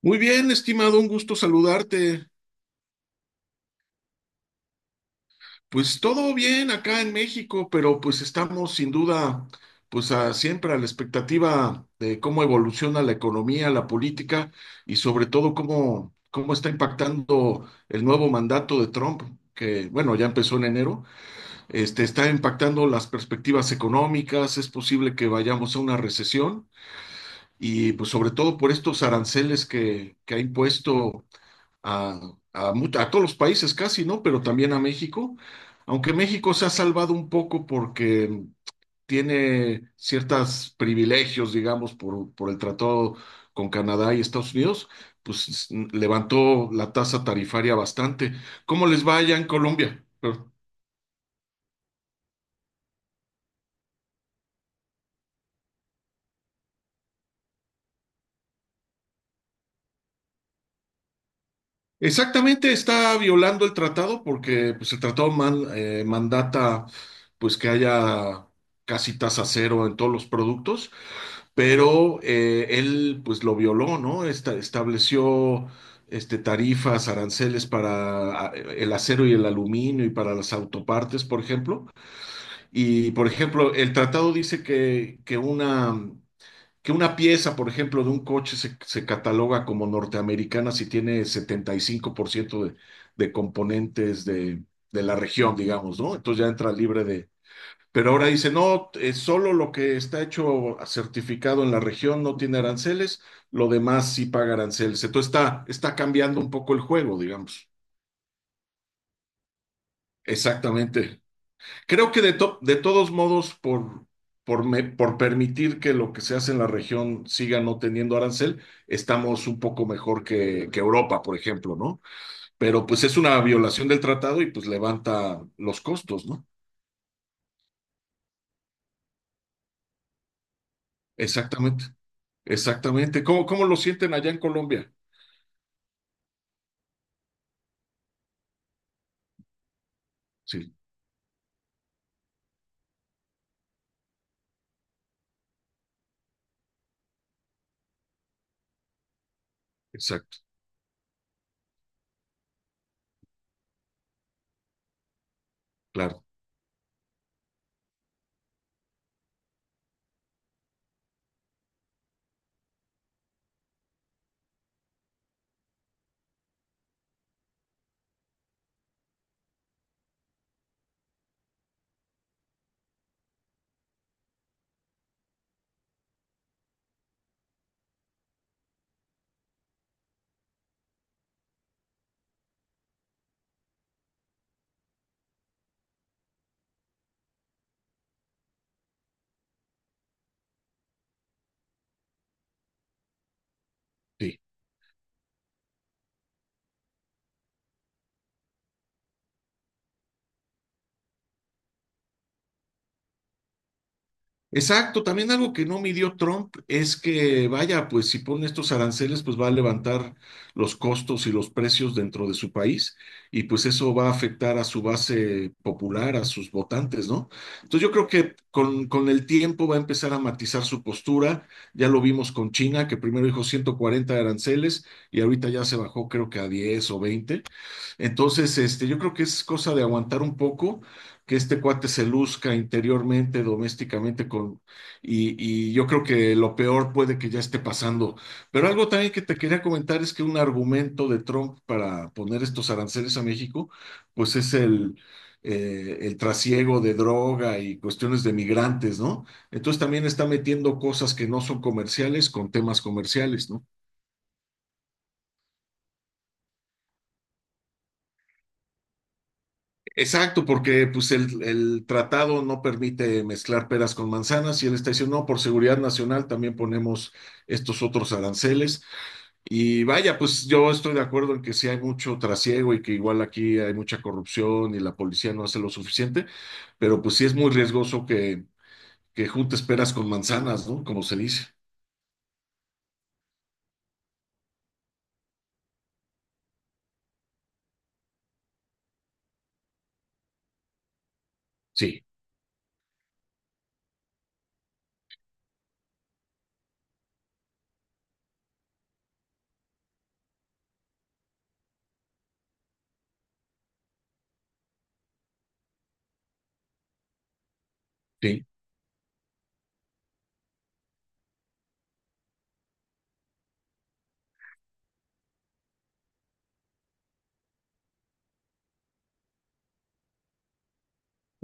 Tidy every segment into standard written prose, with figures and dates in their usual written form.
Muy bien, estimado, un gusto saludarte. Pues todo bien acá en México, pero pues estamos sin duda, pues siempre a la expectativa de cómo evoluciona la economía, la política y sobre todo cómo está impactando el nuevo mandato de Trump, que bueno, ya empezó en enero, está impactando las perspectivas económicas, es posible que vayamos a una recesión y pues sobre todo por estos aranceles que ha impuesto a, a todos los países casi, ¿no? Pero también a México, aunque México se ha salvado un poco porque tiene ciertos privilegios, digamos, por el tratado con Canadá y Estados Unidos, pues levantó la tasa tarifaria bastante. ¿Cómo les va allá en Colombia? Exactamente, está violando el tratado porque pues, el tratado mandata pues que haya casi tasa cero en todos los productos pero él pues lo violó, ¿no? Estableció tarifas, aranceles para el acero y el aluminio y para las autopartes, por ejemplo. Y, por ejemplo, el tratado dice que una pieza, por ejemplo, de un coche se cataloga como norteamericana si tiene 75% de componentes de la región, digamos, ¿no? Entonces ya entra libre de pero ahora dice, no, solo lo que está hecho certificado en la región no tiene aranceles, lo demás sí paga aranceles. Entonces está cambiando un poco el juego, digamos. Exactamente. Creo que de todos modos, por permitir que lo que se hace en la región siga no teniendo arancel, estamos un poco mejor que Europa, por ejemplo, ¿no? Pero pues es una violación del tratado y pues levanta los costos, ¿no? Exactamente, exactamente. Cómo lo sienten allá en Colombia? Sí, exacto, claro, sí. Exacto, también algo que no midió Trump es que, vaya, pues si pone estos aranceles, pues va a levantar los costos y los precios dentro de su país y pues eso va a afectar a su base popular, a sus votantes, ¿no? Entonces yo creo que con el tiempo va a empezar a matizar su postura. Ya lo vimos con China, que primero dijo 140 aranceles y ahorita ya se bajó creo que a 10 o 20. Entonces, yo creo que es cosa de aguantar un poco, que este cuate se luzca interiormente, domésticamente, con, y yo creo que lo peor puede que ya esté pasando. Pero algo también que te quería comentar es que un argumento de Trump para poner estos aranceles a México, pues es el trasiego de droga y cuestiones de migrantes, ¿no? Entonces también está metiendo cosas que no son comerciales con temas comerciales, ¿no? Exacto, porque pues el tratado no permite mezclar peras con manzanas y él está diciendo, no, por seguridad nacional también ponemos estos otros aranceles. Y vaya, pues yo estoy de acuerdo en que sí hay mucho trasiego y que igual aquí hay mucha corrupción y la policía no hace lo suficiente, pero pues sí es muy riesgoso que juntes peras con manzanas, ¿no? Como se dice. Sí, sí.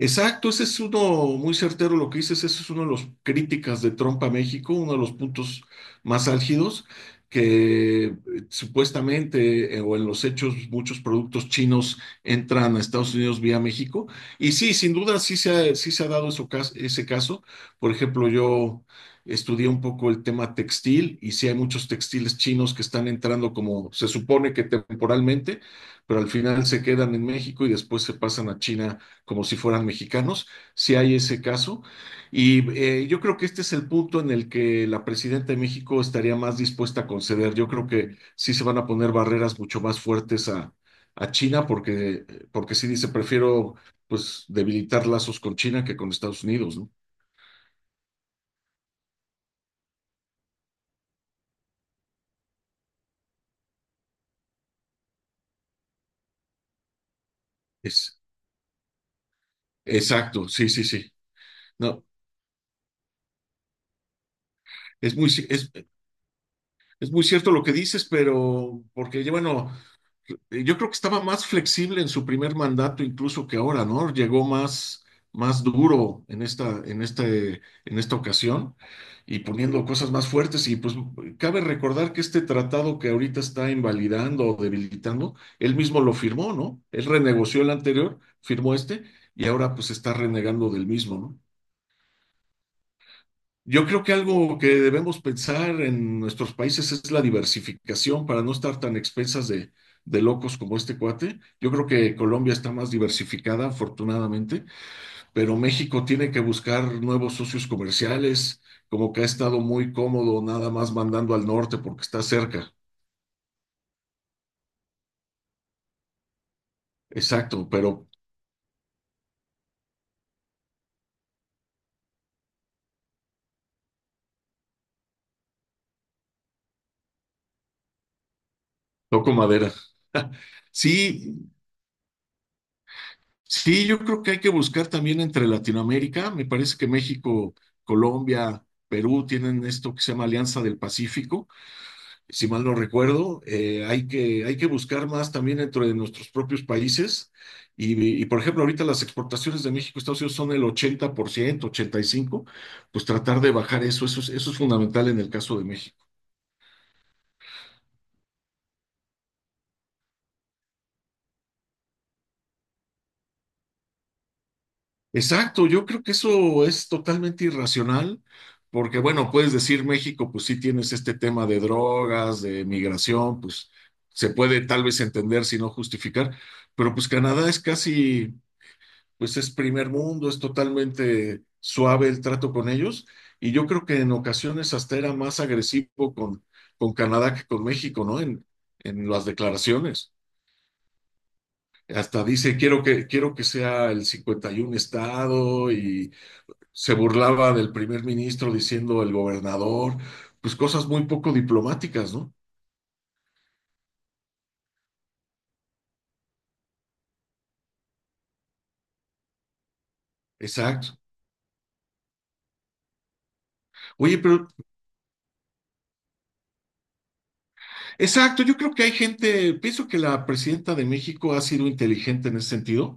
Exacto, ese es uno muy certero lo que dices, ese es uno de los críticas de Trump a México, uno de los puntos más álgidos, que supuestamente o en los hechos muchos productos chinos entran a Estados Unidos vía México. Y sí, sin duda sí se ha dado ese caso. Por ejemplo, yo estudié un poco el tema textil y sí hay muchos textiles chinos que están entrando como se supone que temporalmente, pero al final se quedan en México y después se pasan a China como si fueran mexicanos, si hay ese caso. Y yo creo que este es el punto en el que la presidenta de México estaría más dispuesta a conceder. Yo creo que sí se van a poner barreras mucho más fuertes a China, porque, porque sí dice, prefiero pues debilitar lazos con China que con Estados Unidos, ¿no? Es, exacto, sí, sí, sí. No, es muy, ci- es, es muy cierto lo que dices, pero porque, bueno, yo creo que estaba más flexible en su primer mandato incluso que ahora, ¿no? Más duro en en esta ocasión y poniendo cosas más fuertes. Y pues cabe recordar que este tratado que ahorita está invalidando o debilitando, él mismo lo firmó, ¿no? Él renegoció el anterior, firmó este y ahora pues está renegando del mismo, ¿no? Yo creo que algo que debemos pensar en nuestros países es la diversificación para no estar tan expensas de locos como este cuate. Yo creo que Colombia está más diversificada, afortunadamente, pero México tiene que buscar nuevos socios comerciales, como que ha estado muy cómodo nada más mandando al norte porque está cerca. Exacto, pero toco madera. Sí, sí, yo creo que hay que buscar también entre Latinoamérica. Me parece que México, Colombia, Perú tienen esto que se llama Alianza del Pacífico, si mal no recuerdo. Hay que buscar más también dentro de nuestros propios países. Y, por ejemplo, ahorita las exportaciones de México a Estados Unidos son el 80%, 85%, pues tratar de bajar eso, eso es fundamental en el caso de México. Exacto, yo creo que eso es totalmente irracional, porque bueno, puedes decir México, pues sí tienes este tema de drogas, de migración, pues se puede tal vez entender si no justificar, pero pues Canadá es casi, pues es primer mundo, es totalmente suave el trato con ellos, y yo creo que en ocasiones hasta era más agresivo con Canadá que con México, ¿no? En las declaraciones. Hasta dice, quiero que sea el 51 estado y se burlaba del primer ministro diciendo el gobernador, pues cosas muy poco diplomáticas, ¿no? Exacto. Oye, pero exacto, yo creo que hay gente, pienso que la presidenta de México ha sido inteligente en ese sentido,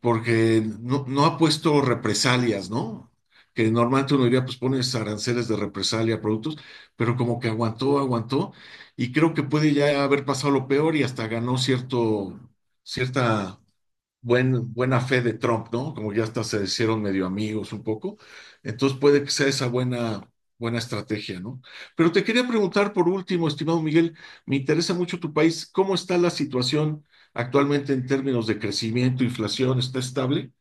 porque no ha puesto represalias, ¿no? Que normalmente uno diría, pues pones aranceles de represalia a productos, pero como que aguantó, aguantó, y creo que puede ya haber pasado lo peor y hasta ganó cierta buena fe de Trump, ¿no? Como ya hasta se hicieron medio amigos un poco. Entonces puede que sea esa buena estrategia, ¿no? Pero te quería preguntar por último, estimado Miguel, me interesa mucho tu país. ¿Cómo está la situación actualmente en términos de crecimiento, inflación? ¿Está estable?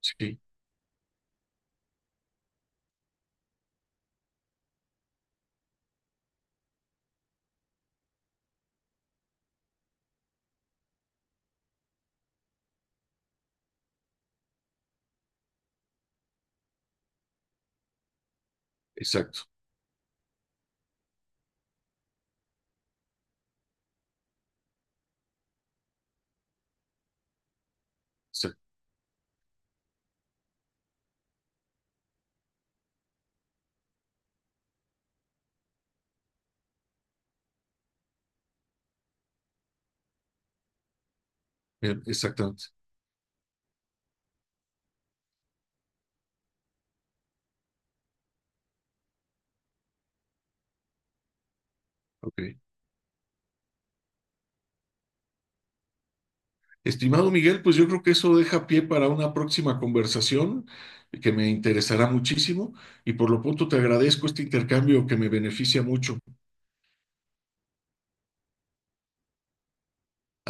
Sí, exacto, exacto, bien, exactamente. Ok. Estimado Miguel, pues yo creo que eso deja pie para una próxima conversación que me interesará muchísimo y por lo pronto te agradezco este intercambio que me beneficia mucho.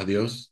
Adiós.